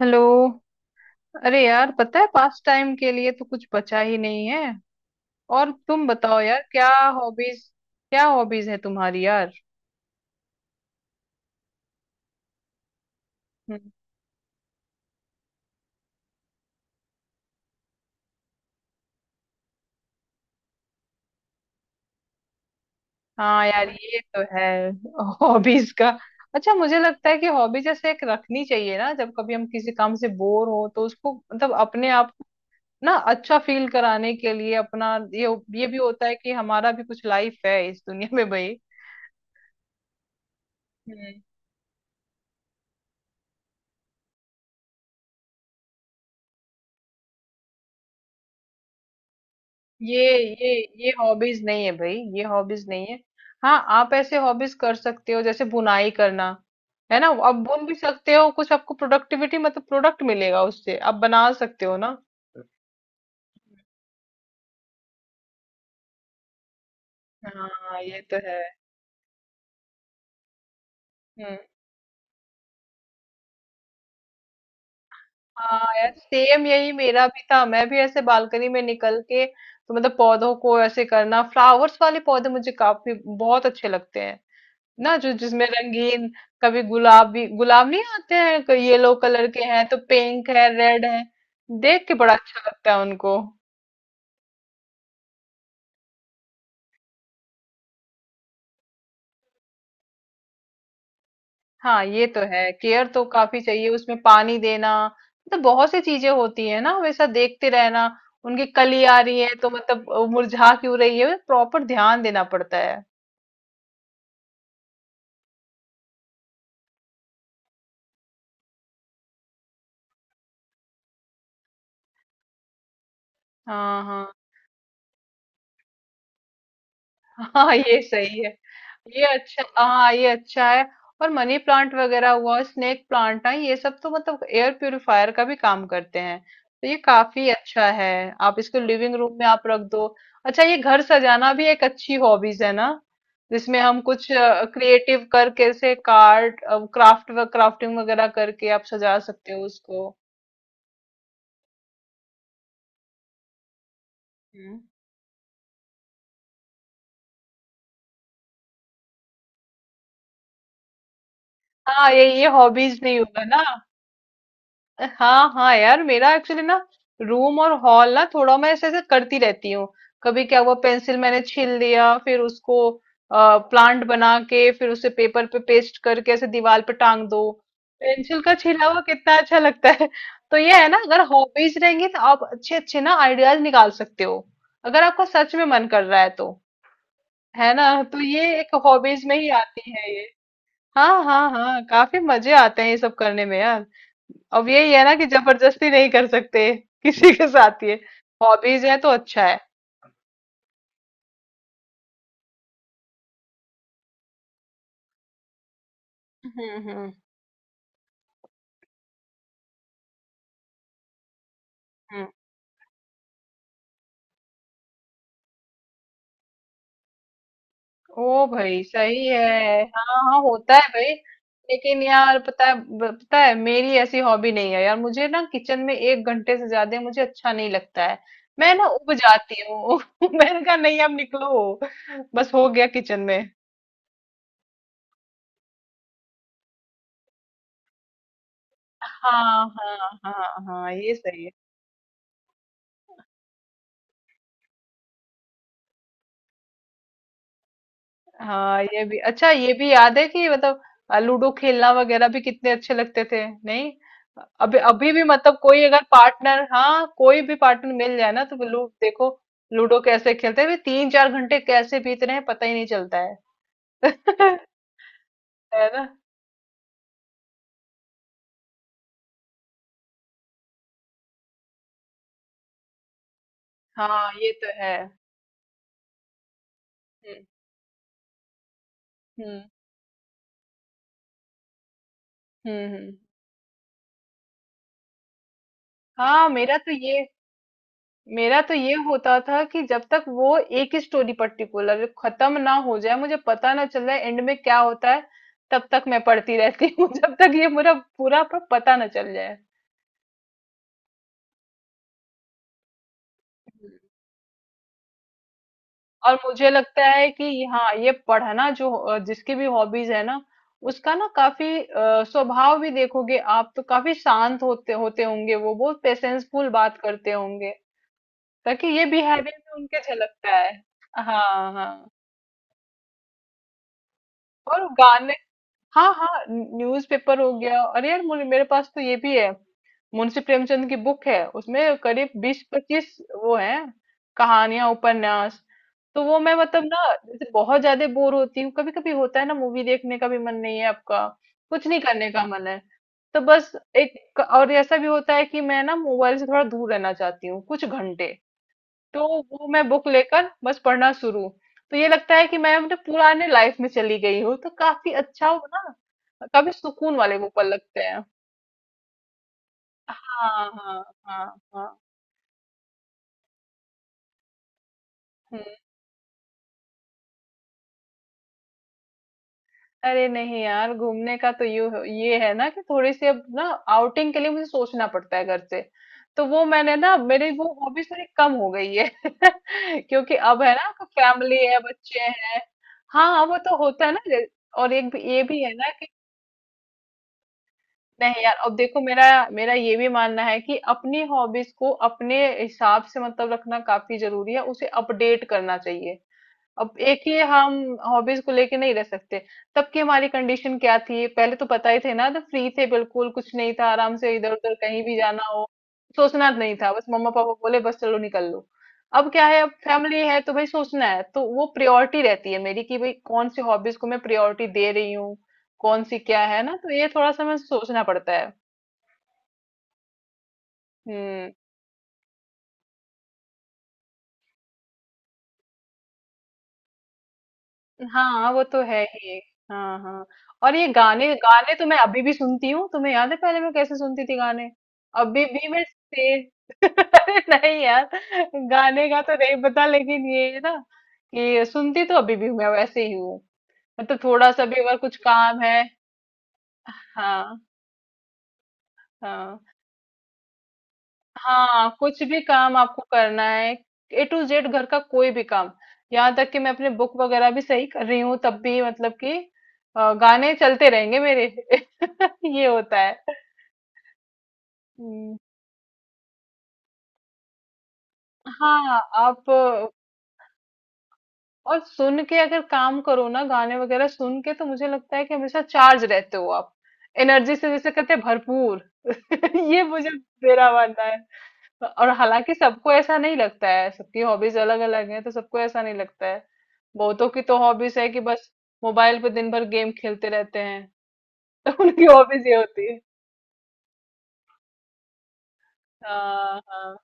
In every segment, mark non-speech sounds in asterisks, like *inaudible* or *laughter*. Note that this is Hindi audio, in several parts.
हेलो। अरे यार, पता है पास टाइम के लिए तो कुछ बचा ही नहीं है। और तुम बताओ यार, क्या हॉबीज, क्या हॉबीज है तुम्हारी यार? हम्म। हाँ यार ये तो है *laughs* हॉबीज का। अच्छा, मुझे लगता है कि हॉबी जैसे एक रखनी चाहिए ना, जब कभी हम किसी काम से बोर हो तो उसको मतलब अपने आप को ना अच्छा फील कराने के लिए अपना ये भी होता है कि हमारा भी कुछ लाइफ है इस दुनिया में भाई। हम्म। ये हॉबीज नहीं है भाई, ये हॉबीज नहीं है। हाँ, आप ऐसे हॉबीज कर सकते हो जैसे बुनाई करना। है ना, आप बुन भी सकते हो कुछ, आपको प्रोडक्टिविटी मतलब प्रोडक्ट मिलेगा उससे, आप बना सकते हो ना। हाँ ये तो है। हम्म। हाँ यार सेम यही मेरा भी था, मैं भी ऐसे बालकनी में निकल के तो मतलब पौधों को ऐसे करना, फ्लावर्स वाले पौधे मुझे काफी बहुत अच्छे लगते हैं ना, जो जिसमें रंगीन, कभी गुलाबी गुलाब नहीं आते हैं, कोई येलो कलर के हैं, तो पिंक है, रेड है, देख के बड़ा अच्छा लगता है उनको। हाँ ये तो है, केयर तो काफी चाहिए उसमें, पानी देना मतलब बहुत सी चीजें होती है ना, हमेशा देखते रहना उनकी कली आ रही है, तो मतलब वो मुरझा क्यों रही है, प्रॉपर ध्यान देना पड़ता है। हाँ हाँ हाँ, ये सही है। ये अच्छा, हाँ ये अच्छा है। और मनी प्लांट वगैरह हुआ, स्नेक प्लांट है, ये सब तो मतलब एयर प्यूरिफायर का भी काम करते हैं, तो ये काफी अच्छा है। आप इसको लिविंग रूम में आप रख दो। अच्छा, ये घर सजाना भी एक अच्छी हॉबीज है ना, जिसमें हम कुछ क्रिएटिव करके कैसे कार्ड, क्राफ्ट, क्राफ्टिंग वगैरह करके आप सजा सकते हो उसको। हम्म। हाँ ये हॉबीज नहीं होगा ना। हाँ हाँ यार मेरा एक्चुअली ना, रूम और हॉल ना, थोड़ा मैं ऐसे ऐसे करती रहती हूँ। कभी क्या हुआ, पेंसिल मैंने छील लिया, फिर उसको प्लांट बना के, फिर उसे पेपर पे पेस्ट करके ऐसे दीवार पे टांग दो। पेंसिल का छीला हुआ कितना अच्छा लगता है। तो ये है ना, अगर हॉबीज रहेंगी तो आप अच्छे अच्छे ना आइडियाज निकाल सकते हो, अगर आपका सच में मन कर रहा है तो। है ना, तो ये एक हॉबीज में ही आती है। हाँ हाँ हाँ, काफी मजे आते हैं ये सब करने में यार। अब यही है ना कि जबरदस्ती नहीं कर सकते *laughs* किसी के साथ ये। हॉबीज है तो अच्छा है। हम्म हम्म हम्म। ओ भाई सही है, हाँ हाँ होता है भाई। लेकिन यार पता है, पता है मेरी ऐसी हॉबी नहीं है यार, मुझे ना किचन में 1 घंटे से ज्यादा मुझे अच्छा नहीं लगता है। मैं ना उब जाती हूँ *laughs* मैंने कहा नहीं अब निकलो, बस हो गया किचन में। हाँ हाँ हाँ हाँ, ये सही है। हाँ ये भी अच्छा, ये भी याद है कि मतलब लूडो खेलना वगैरह भी कितने अच्छे लगते थे नहीं। अभी अभी भी मतलब कोई अगर पार्टनर, हाँ कोई भी पार्टनर मिल जाए ना तो लू देखो, लूडो कैसे खेलते हैं भाई, 3-4 घंटे कैसे बीत रहे हैं पता ही नहीं चलता है। *laughs* है ना। हाँ ये तो है। हम्म हम्म हम्म हम्म। हाँ मेरा तो ये होता था कि जब तक वो एक ही स्टोरी पर्टिकुलर खत्म ना हो जाए, मुझे पता ना चल जाए एंड में क्या होता है, तब तक मैं पढ़ती रहती हूँ *laughs* जब तक ये मेरा पूरा पता ना चल जाए। और मुझे लगता है कि हाँ ये पढ़ना, जो जिसकी भी हॉबीज है ना, उसका ना काफी स्वभाव भी देखोगे आप, तो काफी शांत होते होते होंगे, वो बहुत पेशेंसफुल बात करते होंगे, ताकि ये बिहेवियर में उनके झलकता है। हाँ हाँ। और गाने, हाँ हाँ न्यूज़पेपर हो गया, अरे यार मुझे मेरे पास तो ये भी है, मुंशी प्रेमचंद की बुक है, उसमें करीब 20-25 वो है, कहानियां, उपन्यास। तो वो मैं मतलब ना, जैसे बहुत ज्यादा बोर होती हूँ कभी कभी, होता है ना मूवी देखने का भी मन नहीं है आपका, कुछ नहीं करने का मन है, तो बस एक और ऐसा भी होता है कि मैं ना मोबाइल से थोड़ा दूर रहना चाहती हूँ कुछ घंटे, तो वो मैं बुक लेकर बस पढ़ना शुरू। तो ये लगता है कि मैं अपने पुराने लाइफ में चली गई हूँ, तो काफी अच्छा हो ना, काफी सुकून वाले वो पल लगते हैं। हाँ हाँ हाँ हाँ। हम्म। अरे नहीं यार, घूमने का तो यू ये है ना कि थोड़ी सी अब ना आउटिंग के लिए मुझे सोचना पड़ता है घर से, तो वो मैंने ना, मेरी वो हॉबीज थोड़ी कम हो गई है *laughs* क्योंकि अब है ना, फैमिली है, बच्चे हैं। हाँ वो तो होता है ना, और एक भी ये भी है ना। नहीं यार अब देखो मेरा मेरा ये भी मानना है कि अपनी हॉबीज को अपने हिसाब से मतलब रखना काफी जरूरी है, उसे अपडेट करना चाहिए, अब एक ही हम हॉबीज को लेके नहीं रह सकते। तब की हमारी कंडीशन क्या थी, पहले तो पता ही थे ना, तो फ्री थे बिल्कुल, कुछ नहीं था, आराम से इधर उधर कहीं भी जाना हो सोचना नहीं था, बस मम्मा पापा बोले बस चलो निकल लो। अब क्या है, अब फैमिली है, तो भाई सोचना है, तो वो प्रायोरिटी रहती है मेरी कि भाई कौन सी हॉबीज को मैं प्रायोरिटी दे रही हूँ, कौन सी क्या है ना, तो ये थोड़ा सा मैं सोचना पड़ता है। हम्म। हाँ वो तो है ही। हाँ हाँ। और ये गाने, गाने तो मैं अभी भी सुनती हूँ, तुम्हें याद है पहले मैं कैसे सुनती थी गाने, अभी भी मैं से *laughs* अरे नहीं यार, गाने का तो नहीं पता, लेकिन ये है ना कि सुनती तो अभी भी मैं वैसे ही हूँ, मतलब थोड़ा सा भी अगर कुछ काम है। हाँ हाँ। हाँ कुछ भी काम आपको करना है, ए टू जेड घर का कोई भी काम, यहाँ तक कि मैं अपने बुक वगैरह भी सही कर रही हूँ तब भी, मतलब कि गाने चलते रहेंगे मेरे *laughs* ये होता है। हम्म। हाँ और सुन के अगर काम करो ना, गाने वगैरह सुन के, तो मुझे लगता है कि हमेशा चार्ज रहते हो आप, एनर्जी से जैसे कहते हैं भरपूर। *laughs* ये मुझे, मेरा मानना है। और हालांकि सबको ऐसा नहीं लगता है, सबकी हॉबीज अलग अलग हैं, तो सबको ऐसा नहीं लगता है, बहुतों की तो हॉबीज है कि बस मोबाइल पे दिन भर गेम खेलते रहते हैं। *laughs* तो उनकी हॉबीज ये होती है। हाँ हाँ।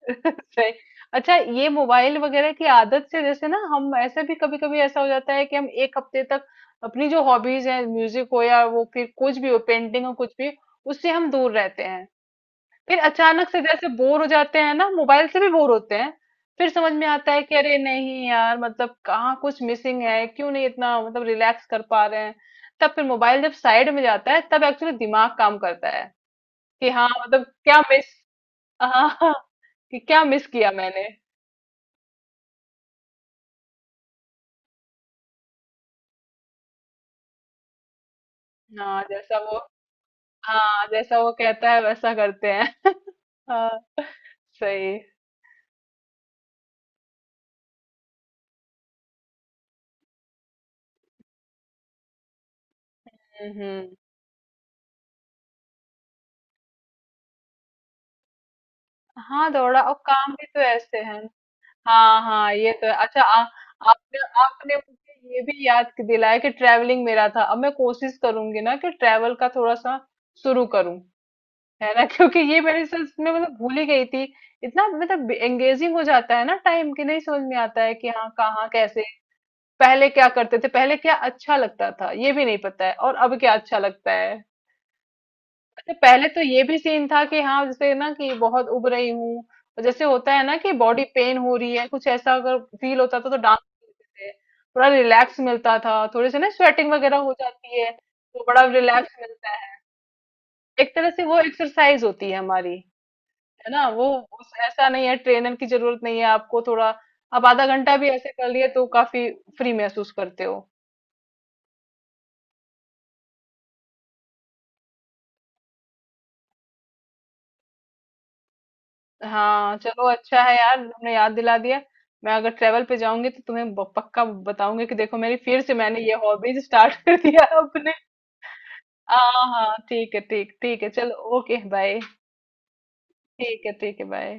*laughs* सही। अच्छा ये मोबाइल वगैरह की आदत से जैसे ना हम ऐसे भी कभी कभी ऐसा हो जाता है कि हम 1 हफ्ते तक अपनी जो हॉबीज हैं, म्यूजिक हो, या वो फिर कुछ भी हो, पेंटिंग हो, कुछ भी उससे हम दूर रहते हैं, फिर अचानक से जैसे बोर हो जाते हैं ना मोबाइल से भी बोर होते हैं। फिर समझ में आता है कि अरे नहीं यार, मतलब कहाँ कुछ मिसिंग है, क्यों नहीं इतना मतलब रिलैक्स कर पा रहे हैं। तब फिर मोबाइल जब साइड में जाता है तब एक्चुअली दिमाग काम करता है कि हाँ मतलब क्या मिस। *laughs* हाँ, कि क्या मिस किया मैंने। हाँ जैसा वो हाँ जैसा वो कहता है वैसा करते हैं। हाँ, सही। हम्म हम्म। हाँ दौड़ा, और काम भी तो ऐसे है। हाँ हाँ ये तो है। अच्छा, आपने आपने मुझे ये भी याद दिलाया कि ट्रैवलिंग मेरा था, अब मैं कोशिश करूंगी ना कि ट्रैवल का थोड़ा सा शुरू करूं। है ना *laughs* क्योंकि ये मेरे से मैं मतलब भूल ही गई थी, इतना मतलब एंगेजिंग हो जाता है ना टाइम कि नहीं समझ में आता है कि हाँ कहाँ कैसे, पहले क्या करते थे, पहले क्या अच्छा लगता था, ये भी नहीं पता है, और अब क्या अच्छा लगता है। तो पहले तो ये भी सीन था कि हाँ जैसे ना कि बहुत उब रही हूँ, और जैसे होता है ना कि बॉडी पेन हो रही है कुछ ऐसा अगर फील होता था, तो डांस करते थे, थोड़ा रिलैक्स मिलता था, थोड़ी सी ना स्वेटिंग वगैरह हो जाती है तो बड़ा रिलैक्स मिलता है। एक तरह से वो एक्सरसाइज होती है हमारी, है ना वो, उस ऐसा नहीं है ट्रेनर की जरूरत नहीं है आपको, थोड़ा आप आधा घंटा भी ऐसे कर लिए तो काफी फ्री महसूस करते हो। हाँ चलो अच्छा है यार, तुमने याद दिला दिया। मैं अगर ट्रेवल पे जाऊंगी तो तुम्हें पक्का बताऊंगी कि देखो मेरी फिर से मैंने ये हॉबीज स्टार्ट *laughs* कर दिया अपने। हाँ हाँ ठीक है, ठीक ठीक है, चलो ओके, बाय। ठीक है ठीक है, बाय।